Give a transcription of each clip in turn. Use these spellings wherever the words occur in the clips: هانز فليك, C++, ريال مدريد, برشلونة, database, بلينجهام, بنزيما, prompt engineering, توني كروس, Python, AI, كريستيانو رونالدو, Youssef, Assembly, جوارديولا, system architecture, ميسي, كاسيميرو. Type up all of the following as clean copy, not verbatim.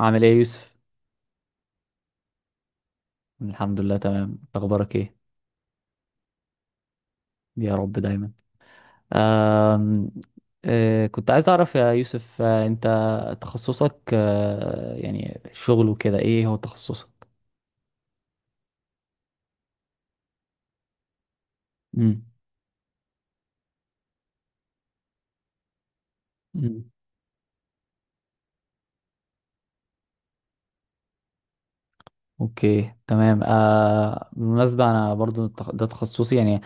عامل ايه يا يوسف؟ الحمد لله تمام، إنت اخبارك ايه؟ يا رب دايما. آم... كنت عايز اعرف يا يوسف، انت تخصصك، يعني شغل وكده، ايه هو تخصصك؟ امم. امم. اوكي، تمام. بالمناسبة انا برضو ده تخصصي، يعني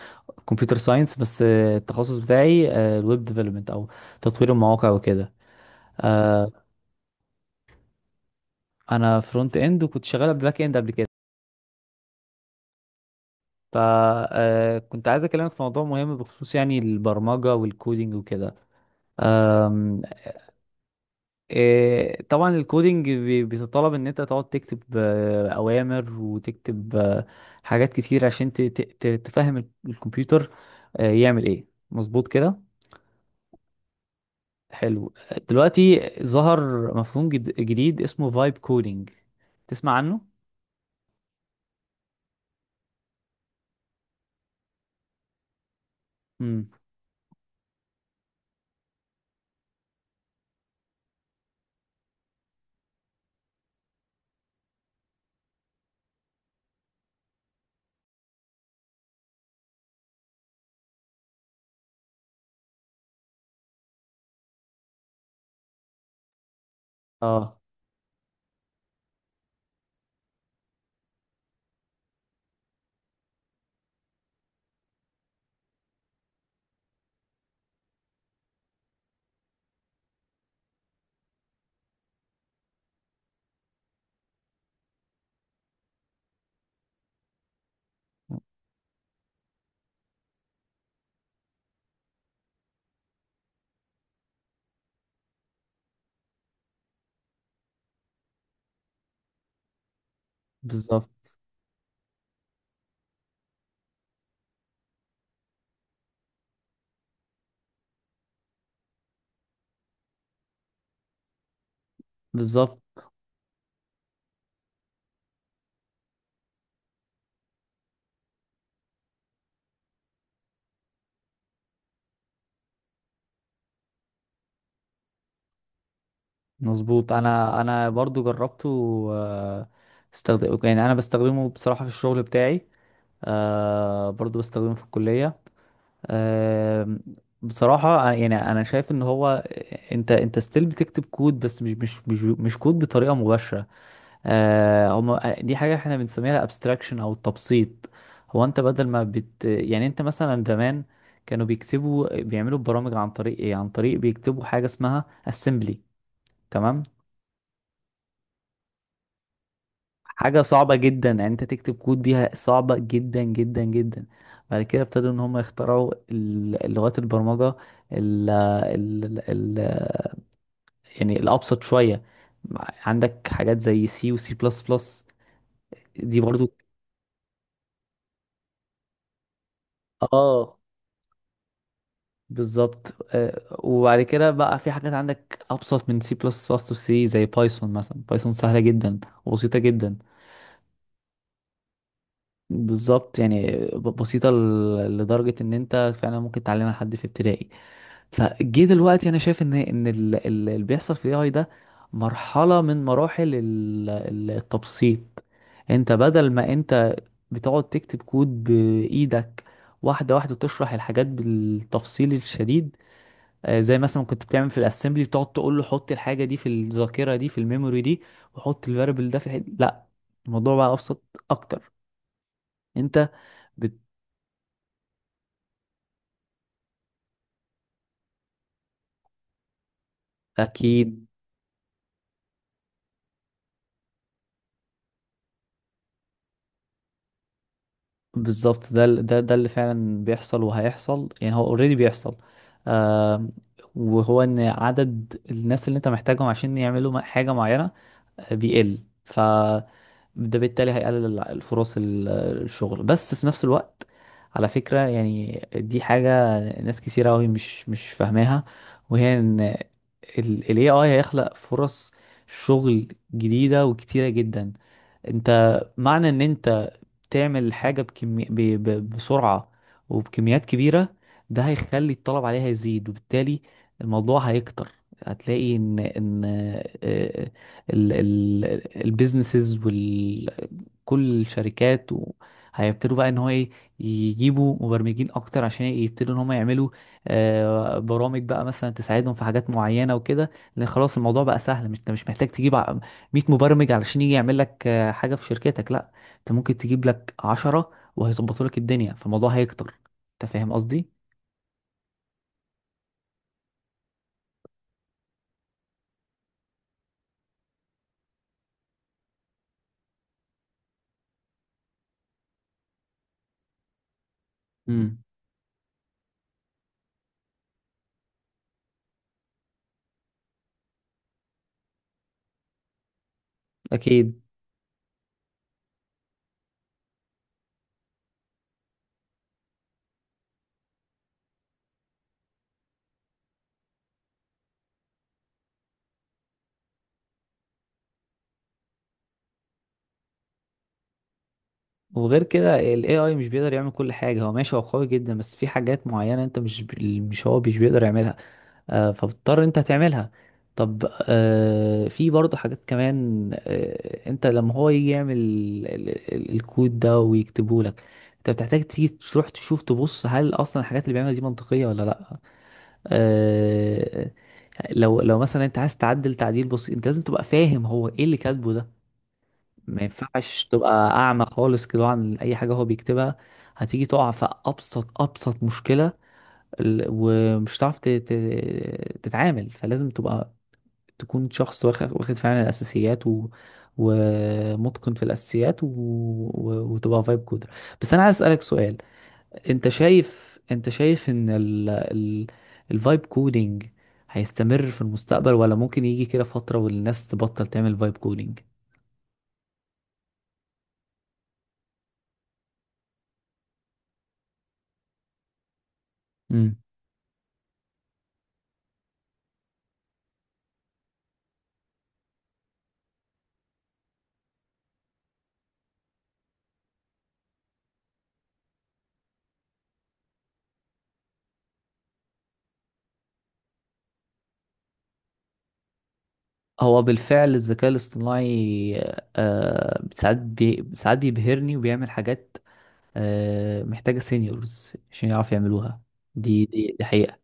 كمبيوتر ساينس، بس التخصص بتاعي الويب ديفلوبمنت او تطوير المواقع وكده. آه... انا فرونت اند، وكنت شغال باك اند قبل كده. فكنت عايز اكلمك في موضوع مهم بخصوص يعني البرمجة والكودينج وكده. أم، إيه، طبعا الكودينج بيتطلب ان انت تقعد تكتب اوامر، وتكتب حاجات كتير عشان تفهم الكمبيوتر يعمل ايه مظبوط كده. حلو. دلوقتي ظهر مفهوم جديد اسمه فايب كودينج، تسمع عنه؟ امم. اه. بالظبط. بالظبط مظبوط. انا برضو جربته. آه، استخدم، يعني انا بستخدمه بصراحة في الشغل بتاعي، برضو بستخدمه في الكلية. آه، بصراحة يعني انا شايف ان هو انت ستيل بتكتب كود، بس مش كود بطريقة مباشرة. هما دي حاجة احنا بنسميها الابستراكشن او التبسيط. هو انت بدل ما يعني انت مثلا زمان كانوا بيكتبوا، بيعملوا برامج عن طريق ايه؟ عن طريق بيكتبوا حاجة اسمها assembly، تمام. حاجة صعبة جدا، يعني انت تكتب كود بيها صعبة جدا جدا جدا. بعد كده ابتدوا ان هم يخترعوا لغات البرمجة، ال ال ال يعني الابسط شوية. عندك حاجات زي سي وسي بلس بلس، دي برضو. اه. بالظبط. وبعد كده بقى في حاجات عندك ابسط من سي بلس بلس وسي، زي بايثون مثلا. بايثون سهلة جدا وبسيطة جدا. بالظبط، يعني بسيطة لدرجة ان انت فعلا ممكن تعلمها حد في ابتدائي. فجه دلوقتي انا شايف ان اللي بيحصل في الاي ده مرحلة من مراحل التبسيط. انت بدل ما انت بتقعد تكتب كود بايدك، واحدة واحدة، وتشرح الحاجات بالتفصيل الشديد. زي مثلا كنت بتعمل في الاسمبلي، بتقعد تقول له حط الحاجة دي في الذاكرة دي، في الميموري دي، وحط الفاريبل ده في الحد. لا، الموضوع بقى ابسط اكتر. انت. اكيد. بالظبط، ده ده اللي فعلا بيحصل وهيحصل، يعني هو اوريدي بيحصل. آه. وهو ان عدد الناس اللي انت محتاجهم عشان يعملوا حاجة معينة بيقل، فده بالتالي هيقلل الفرص الشغل. بس في نفس الوقت، على فكرة، يعني دي حاجة ناس كتير قوي مش فاهماها، وهي ان ال ال AI هيخلق فرص شغل جديدة وكتيرة جدا. انت، معنى ان انت تعمل حاجة بسرعة وبكميات كبيرة، ده هيخلي الطلب عليها يزيد، وبالتالي الموضوع هيكتر. هتلاقي ان البيزنسز، كل الشركات، وهيبتدوا بقى ان هو ايه، يجيبوا مبرمجين اكتر عشان يبتدوا ان هم يعملوا برامج بقى مثلا تساعدهم في حاجات معينه وكده. لان خلاص الموضوع بقى سهل. مش انت مش محتاج تجيب 100 مبرمج علشان يجي يعمل لك حاجه في شركتك. لا، انت ممكن تجيب لك 10 وهيظبطوا لك الدنيا، فالموضوع هيكتر. انت فاهم قصدي؟ امم. اكيد. وغير كده ال AI مش بيقدر يعمل كل حاجة. هو ماشي، هو قوي جدا، بس في حاجات معينة انت مش بيقدر يعملها فبتضطر انت تعملها. طب، في برضه حاجات كمان. انت لما هو يجي يعمل الكود ده ويكتبه لك، انت بتحتاج تيجي تروح تشوف، تبص هل اصلا الحاجات اللي بيعملها دي منطقية ولا لا. آه، لو مثلا انت عايز تعدل تعديل بسيط، انت لازم تبقى فاهم هو ايه اللي كاتبه ده. ما ينفعش تبقى اعمى خالص كده عن اي حاجة هو بيكتبها. هتيجي تقع في ابسط مشكلة، ومش هتعرف تتعامل، فلازم تبقى تكون شخص واخد فعلا الاساسيات، ومتقن في الاساسيات، وتبقى فايب كودر. بس انا عايز اسالك سؤال، انت شايف ان الفايب كودينج هيستمر في المستقبل، ولا ممكن يجي كده فترة والناس تبطل تعمل فايب كودينج؟ امم. هو بالفعل الذكاء الاصطناعي آه، ساعات ساعات بيبهرني وبيعمل حاجات آه محتاجة سينيورز عشان يعرف يعملوها. دي حقيقة.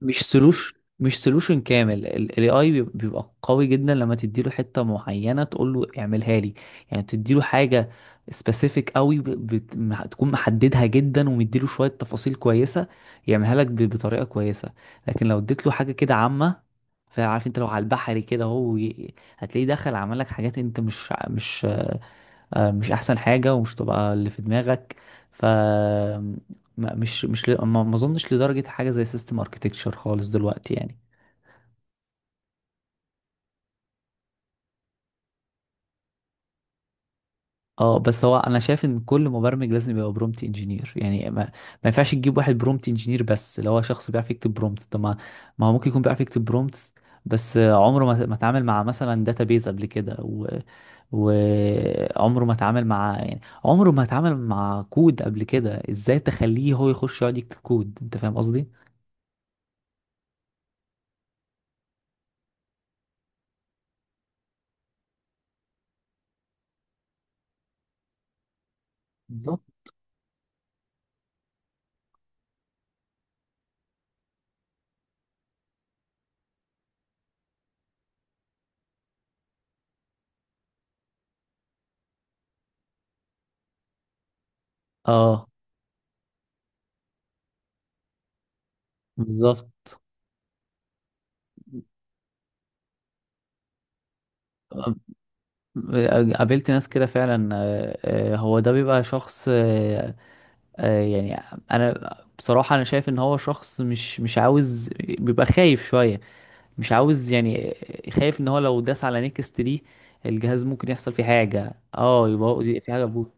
مش سلوش، مش سولوشن كامل. الاي اي بيبقى قوي جدا لما تديله حته معينه تقول له اعملها لي. يعني تديله حاجه سبيسيفيك قوي، تكون محددها جدا، ومديله شويه تفاصيل كويسه، يعملها لك بطريقه كويسه. لكن لو اديت له حاجه كده عامه، فعارف انت، لو على البحري كده، هو هتلاقيه دخل عمل لك حاجات انت مش مش مش احسن حاجه ومش تبقى اللي في دماغك. ف ما- مش مش ل- ما اظنش لدرجه حاجه زي سيستم اركتكتشر خالص دلوقتي يعني. اه. بس هو انا شايف ان كل مبرمج لازم يبقى برومت انجينير، يعني ما ينفعش تجيب واحد برومت انجينير بس اللي هو شخص بيعرف يكتب برومت. طب، ما ما هو ممكن يكون بيعرف يكتب برومتس بس عمره ما اتعامل مع مثلا داتابيز قبل كده، وعمره ما اتعامل مع، يعني عمره ما اتعامل مع كود قبل كده. ازاي تخليه هو يخش يقعد يكتب كود؟ انت فاهم قصدي؟ بالظبط. اه. بالظبط. آه، قابلت ناس كده فعلا. هو ده بيبقى شخص، يعني انا بصراحة انا شايف ان هو شخص مش عاوز، بيبقى خايف شوية، مش عاوز يعني. خايف ان هو لو داس على نيكست دي الجهاز ممكن يحصل فيه حاجة، اه، يبقى في حاجة بوت.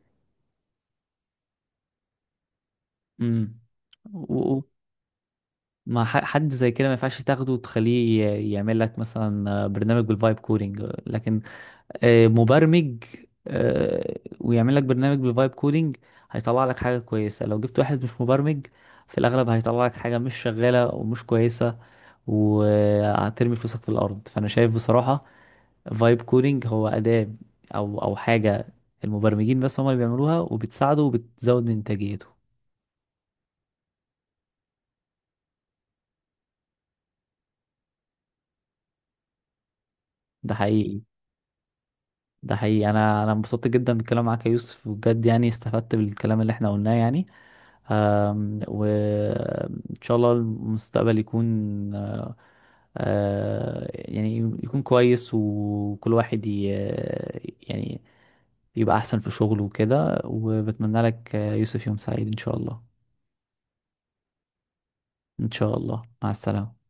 امم. و- و- ما ح- حد زي كده ما ينفعش تاخده وتخليه يعمل لك مثلا برنامج بالفايب كودينج. لكن مبرمج آه، ويعمل لك برنامج بفايب كودينج، هيطلع لك حاجة كويسة. لو جبت واحد مش مبرمج، في الأغلب هيطلع لك حاجة مش شغالة ومش كويسة، وهترمي فلوسك في الأرض. فأنا شايف بصراحة فايب كودينج هو أداة، أو حاجة المبرمجين بس هم اللي بيعملوها وبتساعده وبتزود من إنتاجيته. ده حقيقي. ده حقيقي. انا انبسطت جدا بالكلام معاك يا يوسف، بجد يعني استفدت بالكلام اللي احنا قلناه يعني. وان شاء الله المستقبل يكون يعني يكون كويس، وكل واحد يعني يبقى احسن في شغله وكده. وبتمنى لك يوسف يوم سعيد ان شاء الله. ان شاء الله، مع السلامة.